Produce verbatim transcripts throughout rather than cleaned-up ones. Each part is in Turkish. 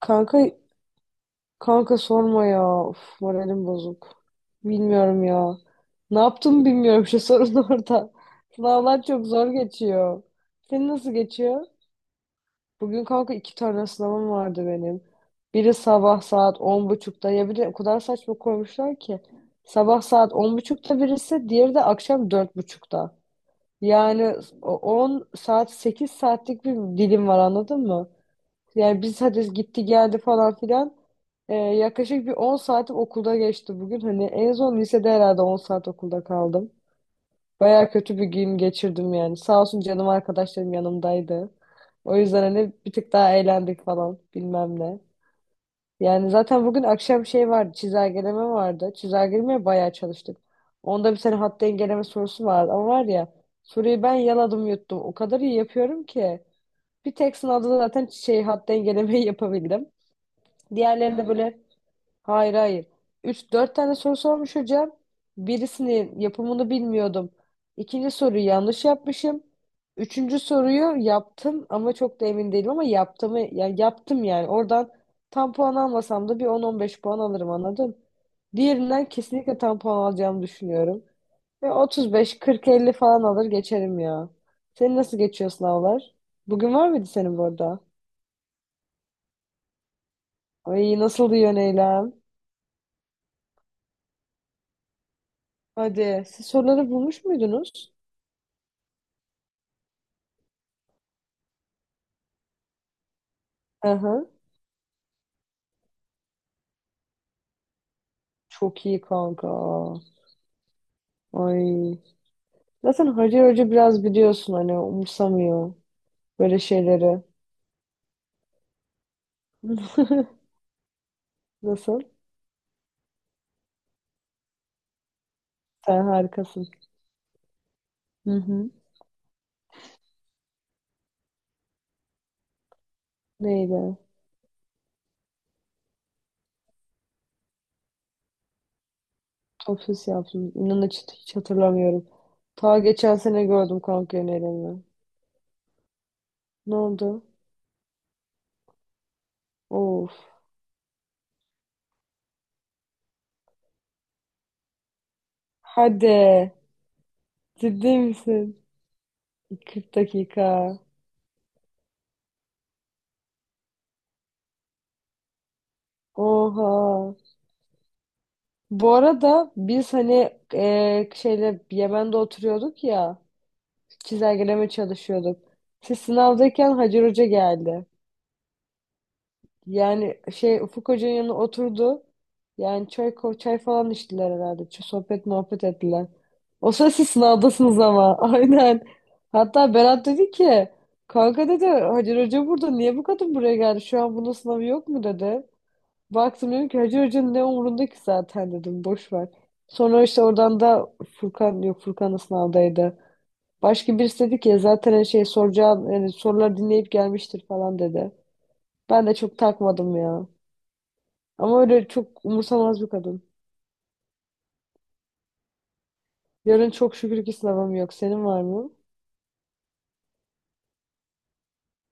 Kanka kanka sorma ya. Of, moralim bozuk. Bilmiyorum ya. Ne yaptım bilmiyorum şu sorun orada. Sınavlar çok zor geçiyor. Senin nasıl geçiyor? Bugün kanka iki tane sınavım vardı benim. Biri sabah saat on buçukta. Ya bir de o kadar saçma koymuşlar ki. Sabah saat on buçukta birisi, diğeri de akşam dört buçukta. Yani on saat sekiz saatlik bir dilim var anladın mı? Yani biz hadi gitti geldi falan filan. Ee, yaklaşık bir on saatim okulda geçti bugün. Hani en son lisede herhalde on saat okulda kaldım. Baya kötü bir gün geçirdim yani. Sağ olsun canım arkadaşlarım yanımdaydı. O yüzden hani bir tık daha eğlendik falan bilmem ne. Yani zaten bugün akşam şey vardı, çizelgeleme vardı. Çizelgelemeye bayağı çalıştık. Onda bir tane hat dengeleme sorusu vardı ama var ya, soruyu ben yaladım yuttum. O kadar iyi yapıyorum ki. Bir tek sınavda da zaten şey hat dengelemeyi yapabildim. Diğerleri de böyle hayır hayır. Üç dört tane soru sormuş hocam. Birisinin yapımını bilmiyordum. İkinci soruyu yanlış yapmışım. Üçüncü soruyu yaptım ama çok da emin değilim ama yaptım, ya yaptım yani. Oradan tam puan almasam da bir on on beş puan alırım anladın? Diğerinden kesinlikle tam puan alacağımı düşünüyorum. Ve otuz beş kırk-elli falan alır geçerim ya. Senin nasıl geçiyor sınavlar? Bugün var mıydı senin bu arada? Ay, nasıldı yöneylem? Hadi. Siz soruları bulmuş muydunuz? Aha. Çok iyi kanka. Ay. Zaten Hacı Hoca biraz biliyorsun hani umursamıyor böyle şeyleri. Nasıl? Sen harikasın. Hı hı. Neydi? Ofis yaptım. İnan hiç, hiç hatırlamıyorum. Ta geçen sene gördüm kanka önerimi. Ne oldu? Of. Hadi. Ciddi misin? kırk dakika. Oha. Bu arada biz hani e, şeyle Yemen'de oturuyorduk ya, çizelgeleme çalışıyorduk. Siz sınavdayken Hacer Hoca geldi. Yani şey Ufuk Hoca'nın yanına oturdu. Yani çay, ko- çay falan içtiler herhalde. Ç- sohbet muhabbet ettiler. O sırada siz sınavdasınız ama. Aynen. Hatta Berat dedi ki, kanka dedi, Hacer Hoca burada, niye bu kadın buraya geldi? Şu an bunun sınavı yok mu dedi. Baktım dedim ki Hacı Hoca'nın ne umurunda ki, zaten dedim boş ver. Sonra işte oradan da Furkan, yok Furkan da sınavdaydı. Başka birisi dedi ki "Ya zaten her şey soracağın yani soruları dinleyip gelmiştir falan" dedi. Ben de çok takmadım ya. Ama öyle çok umursamaz bir kadın. Yarın çok şükür ki sınavım yok. Senin var mı?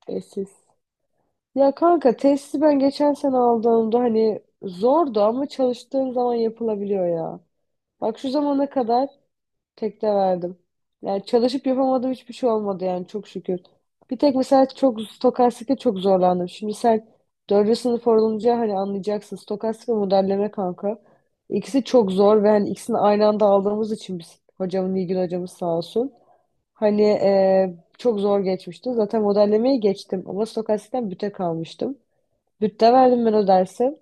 Tesis. Ya kanka tesisi ben geçen sene aldığımda hani zordu ama çalıştığın zaman yapılabiliyor ya. Bak şu zamana kadar, tek de verdim. Yani çalışıp yapamadığım hiçbir şey olmadı yani çok şükür. Bir tek mesela çok stokastikte çok zorlandım. Şimdi sen dördüncü sınıf olunca hani anlayacaksın. Stokastik ve modelleme kanka. İkisi çok zor ve hani ikisini aynı anda aldığımız için biz hocamın, Nilgün hocamız sağ olsun. Hani e, çok zor geçmişti. Zaten modellemeyi geçtim ama stokastikten büte kalmıştım. Bütte verdim ben o dersi.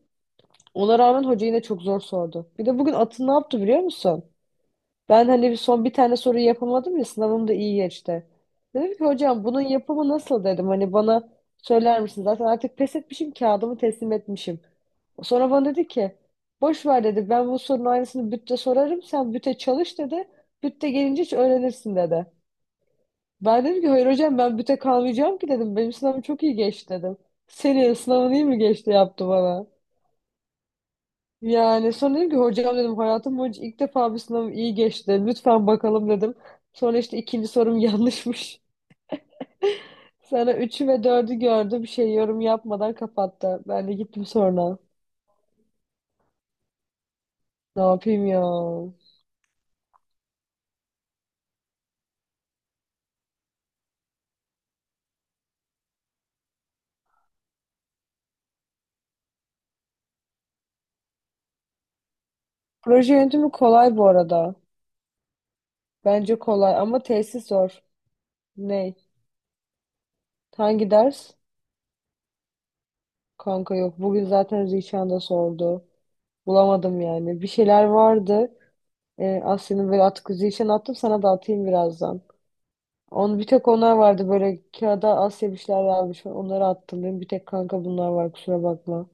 Ona rağmen hoca yine çok zor sordu. Bir de bugün atın ne yaptı biliyor musun? Ben hani bir son bir tane soruyu yapamadım ya, sınavım da iyi geçti. Dedim ki hocam bunun yapımı nasıl dedim. Hani bana söyler misin? Zaten artık pes etmişim, kağıdımı teslim etmişim. Sonra bana dedi ki boş ver dedi, ben bu sorunun aynısını bütte sorarım, sen büte çalış dedi. Bütte gelince hiç öğrenirsin dedi. Ben dedim ki hayır hocam ben büte kalmayacağım ki dedim. Benim sınavım çok iyi geçti dedim. Senin sınavın iyi mi geçti yaptı bana. Yani sonra dedim ki hocam dedim hayatım boyunca ilk defa bir sınavım iyi geçti. Lütfen bakalım dedim. Sonra işte ikinci sorum yanlışmış. Sana üçü ve dördü gördü. Bir şey yorum yapmadan kapattı. Ben de gittim sonra. Ne yapayım ya? Proje yönetimi kolay bu arada. Bence kolay ama tesis zor. Ne? Hangi ders? Kanka yok. Bugün zaten Zişan da sordu. Bulamadım yani. Bir şeyler vardı. Ee, Asya'nın böyle atık Zişan attım, sana da atayım birazdan. Onu bir tek onlar vardı böyle, kağıda Asya bir şeyler yazmış. Onları attım. Benim bir tek kanka bunlar var, kusura bakma.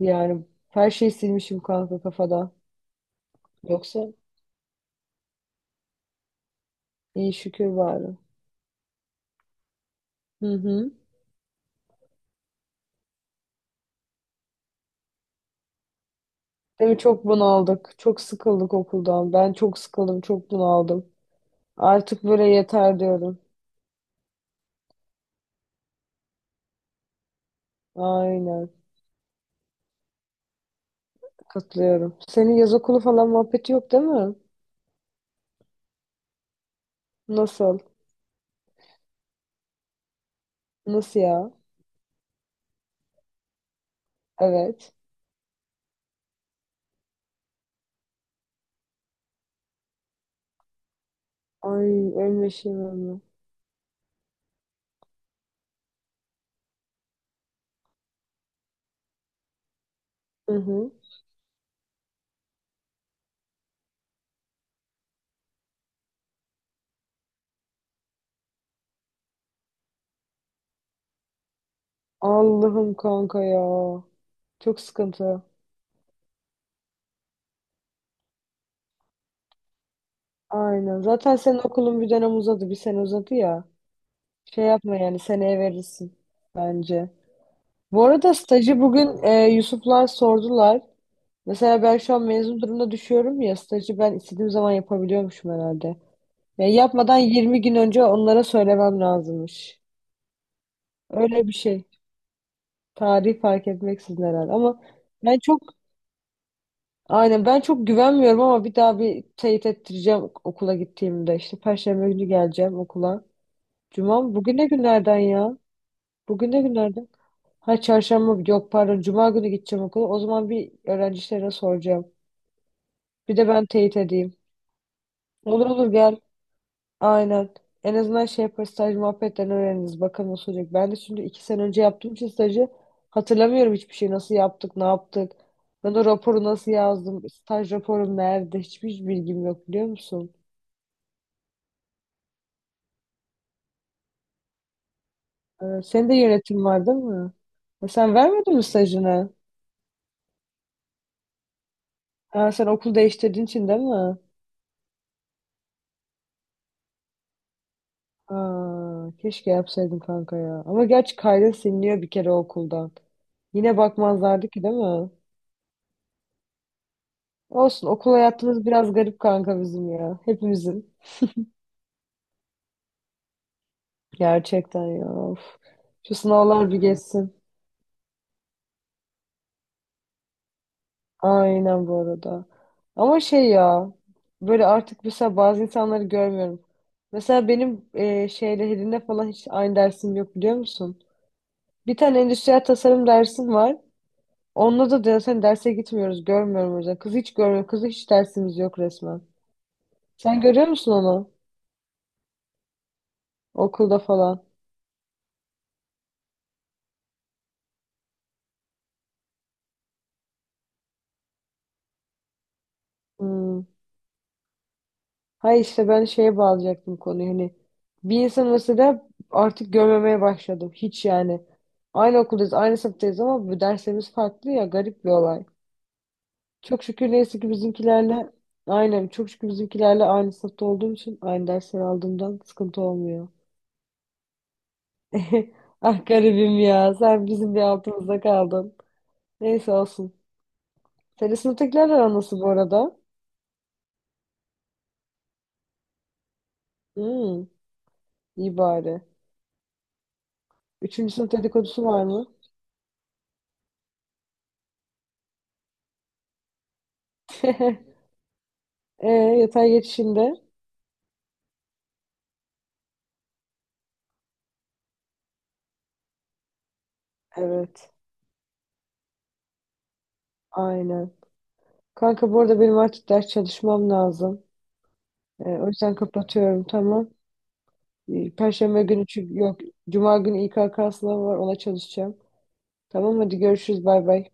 Yani her şeyi silmişim kanka kafada. Yoksa iyi şükür bari. Hı hı. Değil mi? Çok bunaldık. Çok sıkıldık okuldan. Ben çok sıkıldım. Çok bunaldım. Artık böyle yeter diyorum. Aynen. Katılıyorum. Senin yaz okulu falan muhabbeti yok değil mi? Nasıl? Nasıl ya? Evet. Ay ölmeşim ölme. Hı hı. Allah'ım kanka ya. Çok sıkıntı. Aynen. Zaten senin okulun bir dönem uzadı. Bir sene uzadı ya. Şey yapma yani seneye verirsin bence. Bu arada stajı bugün e, Yusuflar sordular. Mesela ben şu an mezun durumda düşüyorum ya, stajı ben istediğim zaman yapabiliyormuşum herhalde. Ya yapmadan yirmi gün önce onlara söylemem lazımmış. Öyle bir şey. Tarih fark etmeksizin herhalde. Ama ben çok Aynen ben çok güvenmiyorum ama bir daha bir teyit ettireceğim okula gittiğimde. İşte Perşembe günü geleceğim okula. Cuma mı? Bugün ne günlerden ya? Bugün ne günlerden? Ha, çarşamba yok pardon, cuma günü gideceğim okula. O zaman bir öğrencilere soracağım. Bir de ben teyit edeyim. Olur olur gel. Aynen. En azından şey yaparız, staj muhabbetten öğreniriz. Bakalım nasıl olacak. Ben de şimdi iki sene önce yaptığım için stajı hatırlamıyorum hiçbir şey. Nasıl yaptık, ne yaptık. Ben o raporu nasıl yazdım, staj raporum nerede, hiçbir bilgim yok biliyor musun? Ee, Senin de yönetim var değil mi? E sen vermedin mi stajını? Ha, sen okul değiştirdiğin için değil mi? Aa, keşke yapsaydın kanka ya. Ama gerçi kaydın siliniyor bir kere okuldan. Yine bakmazlardı ki değil mi? Olsun, okul hayatımız biraz garip kanka bizim ya. Hepimizin. Gerçekten ya. Of. Şu sınavlar bir geçsin. Aynen bu arada. Ama şey ya böyle artık mesela bazı insanları görmüyorum. Mesela benim e, şeyle Helin'le falan hiç aynı dersim yok biliyor musun? Bir tane endüstriyel tasarım dersim var. Onunla da zaten derse gitmiyoruz. Görmüyorum o yüzden. Kızı hiç görmüyorum. Kızı hiç dersimiz yok resmen. Sen görüyor musun onu? Okulda falan. Hmm. Hayır, işte ben şeye bağlayacaktım konuyu hani bir insan mesela artık görmemeye başladım hiç yani. Aynı okuldayız, aynı sınıftayız ama bu derslerimiz farklı ya, garip bir olay. Çok şükür neyse ki bizimkilerle aynen çok şükür bizimkilerle aynı sınıfta olduğum için aynı dersleri aldığımdan sıkıntı olmuyor. Ah, garibim ya sen bizim bir altımızda kaldın. Neyse, olsun. Senin sınıftakilerle aran nasıl bu arada? Hmm, iyi bari. Üçüncü sınıf dedikodusu var mı? E, yatay geçişinde. Evet, aynen. Kanka bu arada benim artık ders çalışmam lazım. Ee, o yüzden kapatıyorum, tamam. Ee, Perşembe günü çünkü yok. Cuma günü İ K K sınavı var, ona çalışacağım. Tamam, hadi görüşürüz, bay bay.